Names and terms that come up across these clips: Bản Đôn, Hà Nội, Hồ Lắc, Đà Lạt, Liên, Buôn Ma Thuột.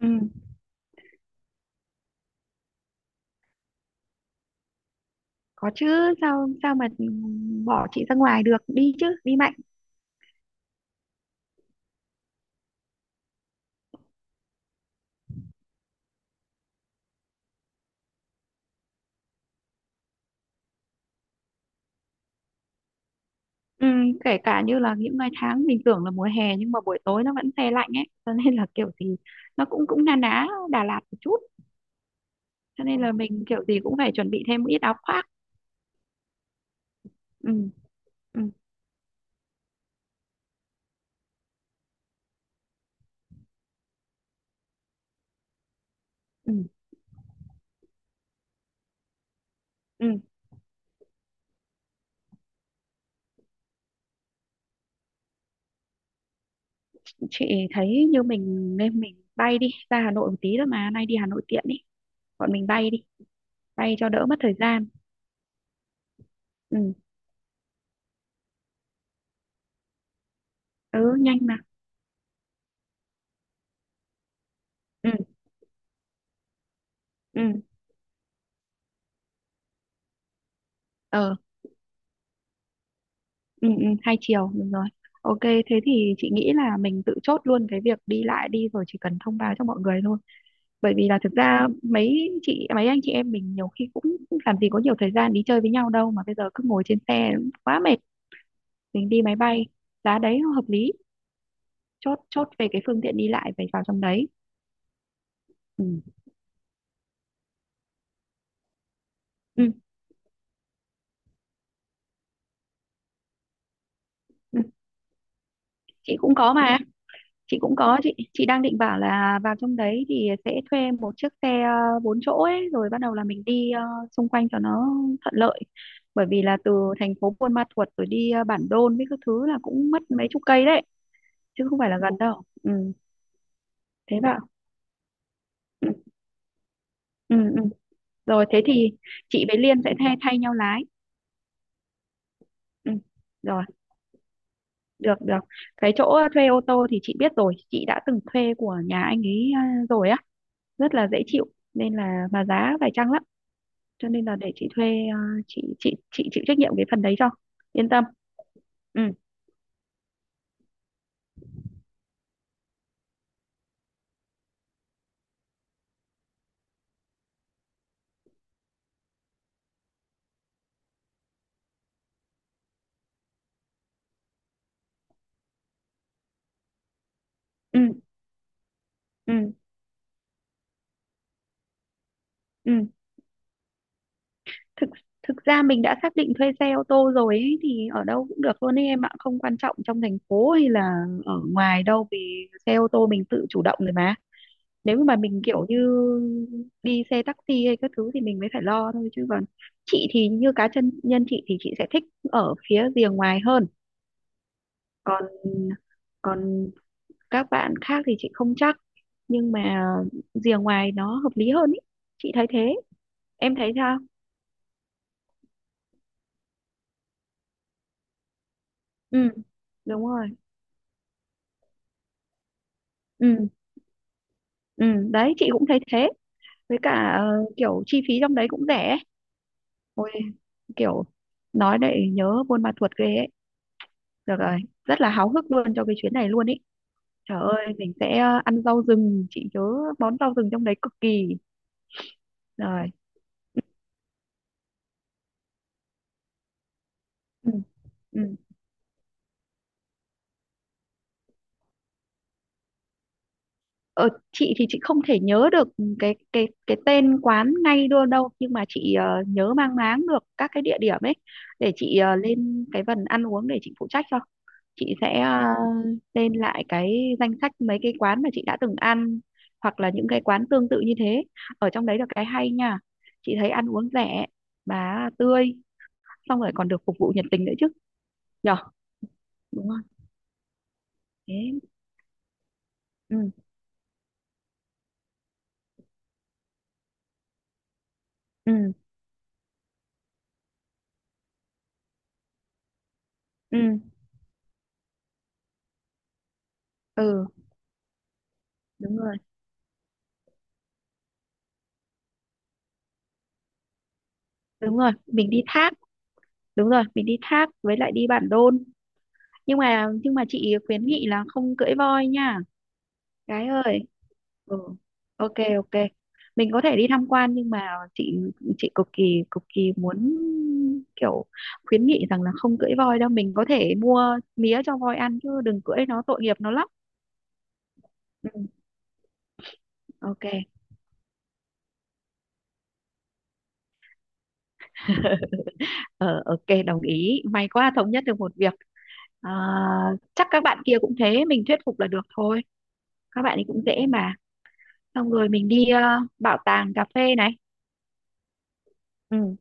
Ừ, có chứ, sao sao mà bỏ chị ra ngoài được, đi chứ, đi mạnh. Ừ, kể cả như là những ngày tháng mình tưởng là mùa hè nhưng mà buổi tối nó vẫn se lạnh ấy, cho nên là kiểu gì nó cũng cũng na ná Đà Lạt một chút. Cho nên là mình kiểu gì cũng phải chuẩn bị thêm một ít áo khoác. Ừ, ừ, ừ, ừ. Chị thấy như mình nên mình bay đi ra Hà Nội một tí thôi, mà nay đi Hà Nội tiện đi, bọn mình bay đi, bay cho đỡ mất thời gian. Ừ, ừ, nhanh mà. Ừ, ừ. Ờ, ừ, ừ, hai chiều, đúng rồi. Ok, thế thì chị nghĩ là mình tự chốt luôn cái việc đi lại đi, rồi chỉ cần thông báo cho mọi người thôi. Bởi vì là thực ra mấy chị mấy anh chị em mình nhiều khi cũng làm gì có nhiều thời gian đi chơi với nhau đâu, mà bây giờ cứ ngồi trên xe quá mệt. Mình đi máy bay, giá đấy nó hợp lý. Chốt, chốt về cái phương tiện đi lại phải vào trong đấy. Ừ. Ừ. Ừ. Chị cũng có mà, chị cũng có. Chị đang định bảo là vào trong đấy thì sẽ thuê một chiếc xe bốn chỗ ấy, rồi bắt đầu là mình đi xung quanh cho nó thuận lợi. Bởi vì là từ thành phố Buôn Ma Thuột rồi đi Bản Đôn với các thứ là cũng mất mấy chục cây đấy, chứ không phải là gần đâu. Ừ, thế. Ừ. Bảo. Ừ, ừ, ừ. Rồi thế thì chị với Liên sẽ thay thay nhau lái. Ừ, rồi, được, được. Cái chỗ thuê ô tô thì chị biết rồi, chị đã từng thuê của nhà anh ấy rồi á, rất là dễ chịu, nên là mà giá phải chăng lắm. Cho nên là để chị thuê. à, chị chịu trách nhiệm cái phần đấy cho yên tâm. Ừ, ừ, ừ, ừ. Thực thực ra mình đã xác định thuê xe ô tô rồi ấy, thì ở đâu cũng được luôn ấy em ạ, không quan trọng trong thành phố hay là ở ngoài đâu, vì xe ô tô mình tự chủ động rồi mà. Nếu mà mình kiểu như đi xe taxi hay các thứ thì mình mới phải lo thôi, chứ còn chị thì như cá chân nhân, chị thì chị sẽ thích ở phía rìa ngoài hơn. Còn còn các bạn khác thì chị không chắc, nhưng mà rìa ngoài nó hợp lý hơn ý, chị thấy thế, em thấy sao? Ừ, đúng rồi. Ừ, ừ, đấy chị cũng thấy thế. Với cả kiểu chi phí trong đấy cũng rẻ ấy. Ôi kiểu, nói để nhớ Buôn Ma Thuột ghê ấy. Được rồi, rất là háo hức luôn cho cái chuyến này luôn ý. Trời ơi, mình sẽ ăn rau rừng, chị nhớ món rau rừng trong đấy cực kỳ. Rồi. Ừ, ừ. Ờ, chị thì chị không thể nhớ được cái tên quán ngay đâu đâu, nhưng mà chị nhớ mang máng được các cái địa điểm ấy. Để chị lên cái phần ăn uống để chị phụ trách cho. Chị sẽ lên lại cái danh sách mấy cái quán mà chị đã từng ăn, hoặc là những cái quán tương tự như thế ở trong đấy, là cái hay nha. Chị thấy ăn uống rẻ mà tươi, xong rồi còn được phục vụ nhiệt tình nữa chứ, nhở? Đúng không? Thế. Ừ, ừ, ừ, ừ. Đúng rồi, đúng rồi, mình đi thác, đúng rồi, mình đi thác với lại đi bản đôn, nhưng mà chị khuyến nghị là không cưỡi voi nha. Gái ơi. Ừ. Ok, ok, mình có thể đi tham quan, nhưng mà chị chị cực kỳ muốn kiểu khuyến nghị rằng là không cưỡi voi đâu. Mình có thể mua mía cho voi ăn chứ đừng cưỡi, nó tội nghiệp nó lắm. Ừ. Ok. Ờ, ok, đồng ý, may quá thống nhất được một việc. à, Chắc các bạn kia cũng thế, mình thuyết phục là được thôi, các bạn ấy cũng dễ mà. Xong rồi mình đi bảo tàng cà phê này. Ừ,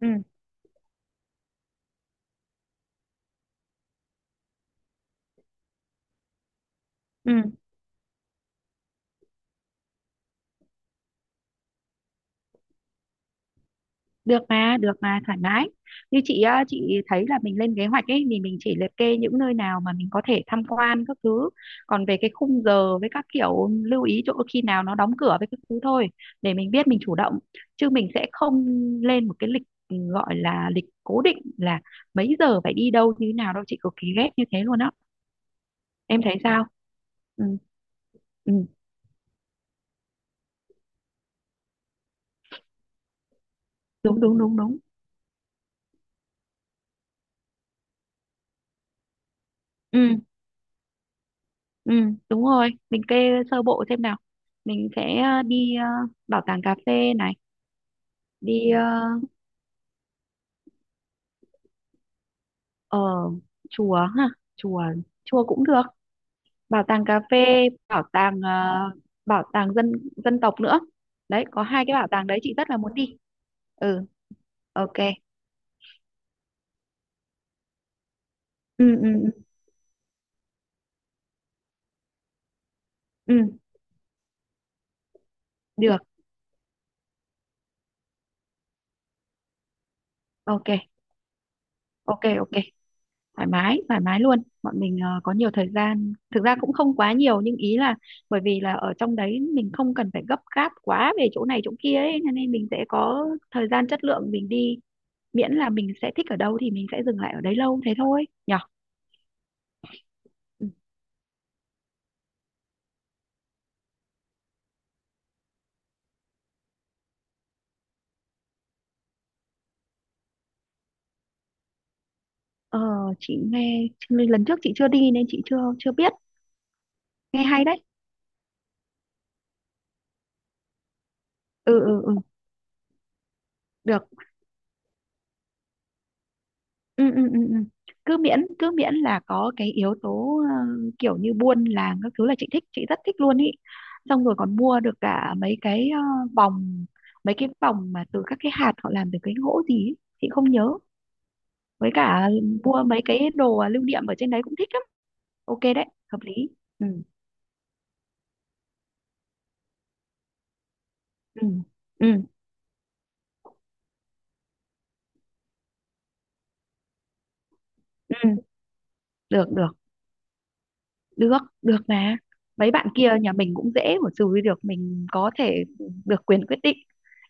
ừ, ừ, được mà, được mà, thoải mái. Như chị á, chị thấy là mình lên kế hoạch ấy thì mình chỉ liệt kê những nơi nào mà mình có thể tham quan các thứ, còn về cái khung giờ với các kiểu lưu ý chỗ khi nào nó đóng cửa với các thứ thôi, để mình biết mình chủ động. Chứ mình sẽ không lên một cái lịch, gọi là lịch cố định là mấy giờ phải đi đâu như thế nào đâu, chị cực kỳ ghét như thế luôn á, em thấy sao? Ừ, ừ, đúng, đúng, đúng, đúng. Ừ. Ừ, đúng rồi, mình kê sơ bộ xem nào. Mình sẽ đi bảo tàng cà phê này, đi ở chùa ha, chùa chùa cũng được, bảo tàng cà phê, bảo tàng bảo tàng dân dân tộc nữa. Đấy, có hai cái bảo tàng đấy chị rất là muốn đi. Ừ, ok. Ừ, ừ, ừ, ừ, được. Ok, ok, ok. Thoải mái, thoải mái luôn, bọn mình có nhiều thời gian, thực ra cũng không quá nhiều, nhưng ý là bởi vì là ở trong đấy mình không cần phải gấp gáp quá về chỗ này chỗ kia ấy, cho nên mình sẽ có thời gian chất lượng mình đi. Miễn là mình sẽ thích ở đâu thì mình sẽ dừng lại ở đấy lâu thế thôi, nhở. Ừ. ờ, chị nghe lần trước chị chưa đi nên chị chưa chưa biết. Nghe hay đấy. Ừ, ừ, ừ, được. Ừ, ừ, ừ, ừ. Cứ miễn là có cái yếu tố kiểu như buôn làng các thứ là chị thích, chị rất thích luôn ý. Xong rồi còn mua được cả mấy cái vòng, mà từ các cái hạt họ làm từ cái gỗ gì ý. Chị không nhớ. Với cả mua mấy cái đồ lưu niệm ở trên đấy cũng thích lắm. Ok đấy, hợp lý. Ừ, ừ, ừ, ừ. Được, được, được, được mà. Mấy bạn kia nhà mình cũng dễ mà, xử lý được, mình có thể được quyền quyết định.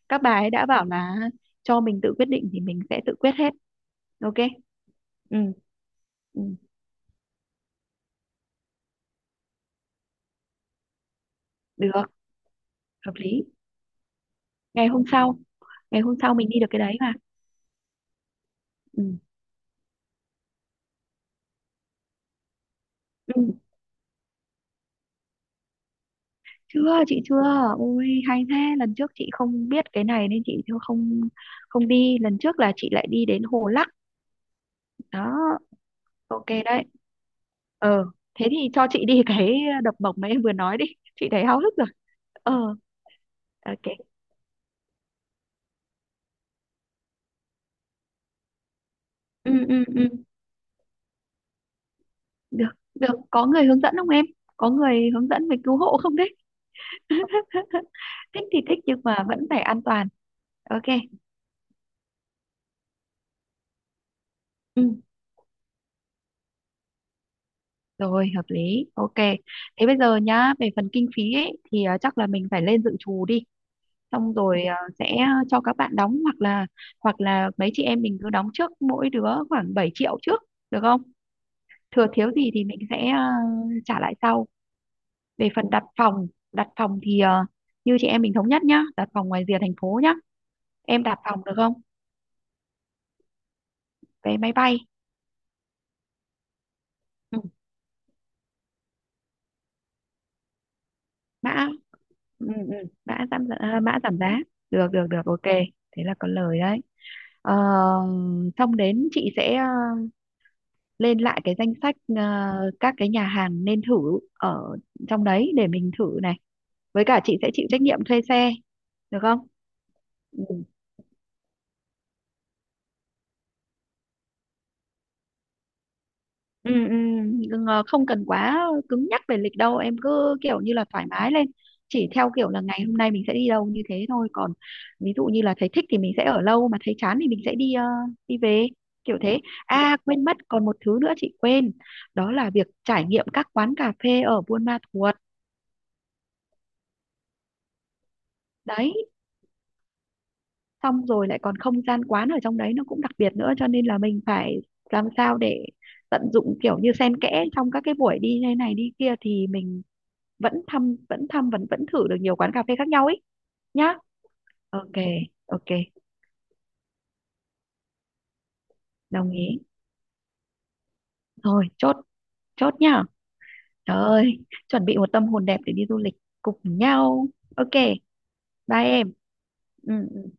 Các bà ấy đã bảo là cho mình tự quyết định thì mình sẽ tự quyết hết. Ok. Ừ, ừ, được, hợp lý. Ngày hôm sau, mình đi được cái đấy mà. Ừ, ừ. Chưa, chị chưa. Ôi hay thế, lần trước chị không biết cái này nên chị chưa, không không đi. Lần trước là chị lại đi đến Hồ Lắc đó. Ok đấy. ờ Thế thì cho chị đi cái đập bổng mà em vừa nói đi, chị thấy háo hức rồi. ờ ok. Ừ, ừ, ừ. Được, được, có người hướng dẫn không em? Có người hướng dẫn về cứu hộ không đấy? Thích thì thích nhưng mà vẫn phải an toàn. Ok. Ừ. Rồi, hợp lý. Ok. Thế bây giờ nhá, về phần kinh phí ấy thì chắc là mình phải lên dự trù đi, xong rồi sẽ cho các bạn đóng, hoặc là mấy chị em mình cứ đóng trước mỗi đứa khoảng 7 triệu trước, được không? Thừa thiếu gì thì mình sẽ trả lại sau. Về phần đặt phòng, đặt phòng thì như chị em mình thống nhất nhá, đặt phòng ngoài rìa thành phố nhá, em đặt phòng được không? Vé máy bay. Ừ, mã. Ừ, ừ, mã giảm giá. Được, được, được, ok. Thế là có lời đấy. Ờ, xong đến chị sẽ lên lại cái danh sách các cái nhà hàng nên thử ở trong đấy để mình thử này, với cả chị sẽ chịu trách nhiệm thuê xe, được không? Ừ. Ừ, ừ, đừng không cần quá cứng nhắc về lịch đâu em, cứ kiểu như là thoải mái lên, chỉ theo kiểu là ngày hôm nay mình sẽ đi đâu như thế thôi. Còn ví dụ như là thấy thích thì mình sẽ ở lâu, mà thấy chán thì mình sẽ đi về, kiểu thế. À, quên mất, còn một thứ nữa chị quên, đó là việc trải nghiệm các quán cà phê ở Buôn Ma Thuột. Đấy, xong rồi lại còn không gian quán ở trong đấy nó cũng đặc biệt nữa, cho nên là mình phải làm sao để tận dụng kiểu như xen kẽ trong các cái buổi đi thế này đi kia, thì mình vẫn thăm vẫn thăm vẫn vẫn thử được nhiều quán cà phê khác nhau ấy. Nhá. Ok, ok, đồng ý. Thôi chốt, chốt nhá. Trời ơi, chuẩn bị một tâm hồn đẹp để đi du lịch cùng nhau. Ok, bye em. Ừ. Ừ.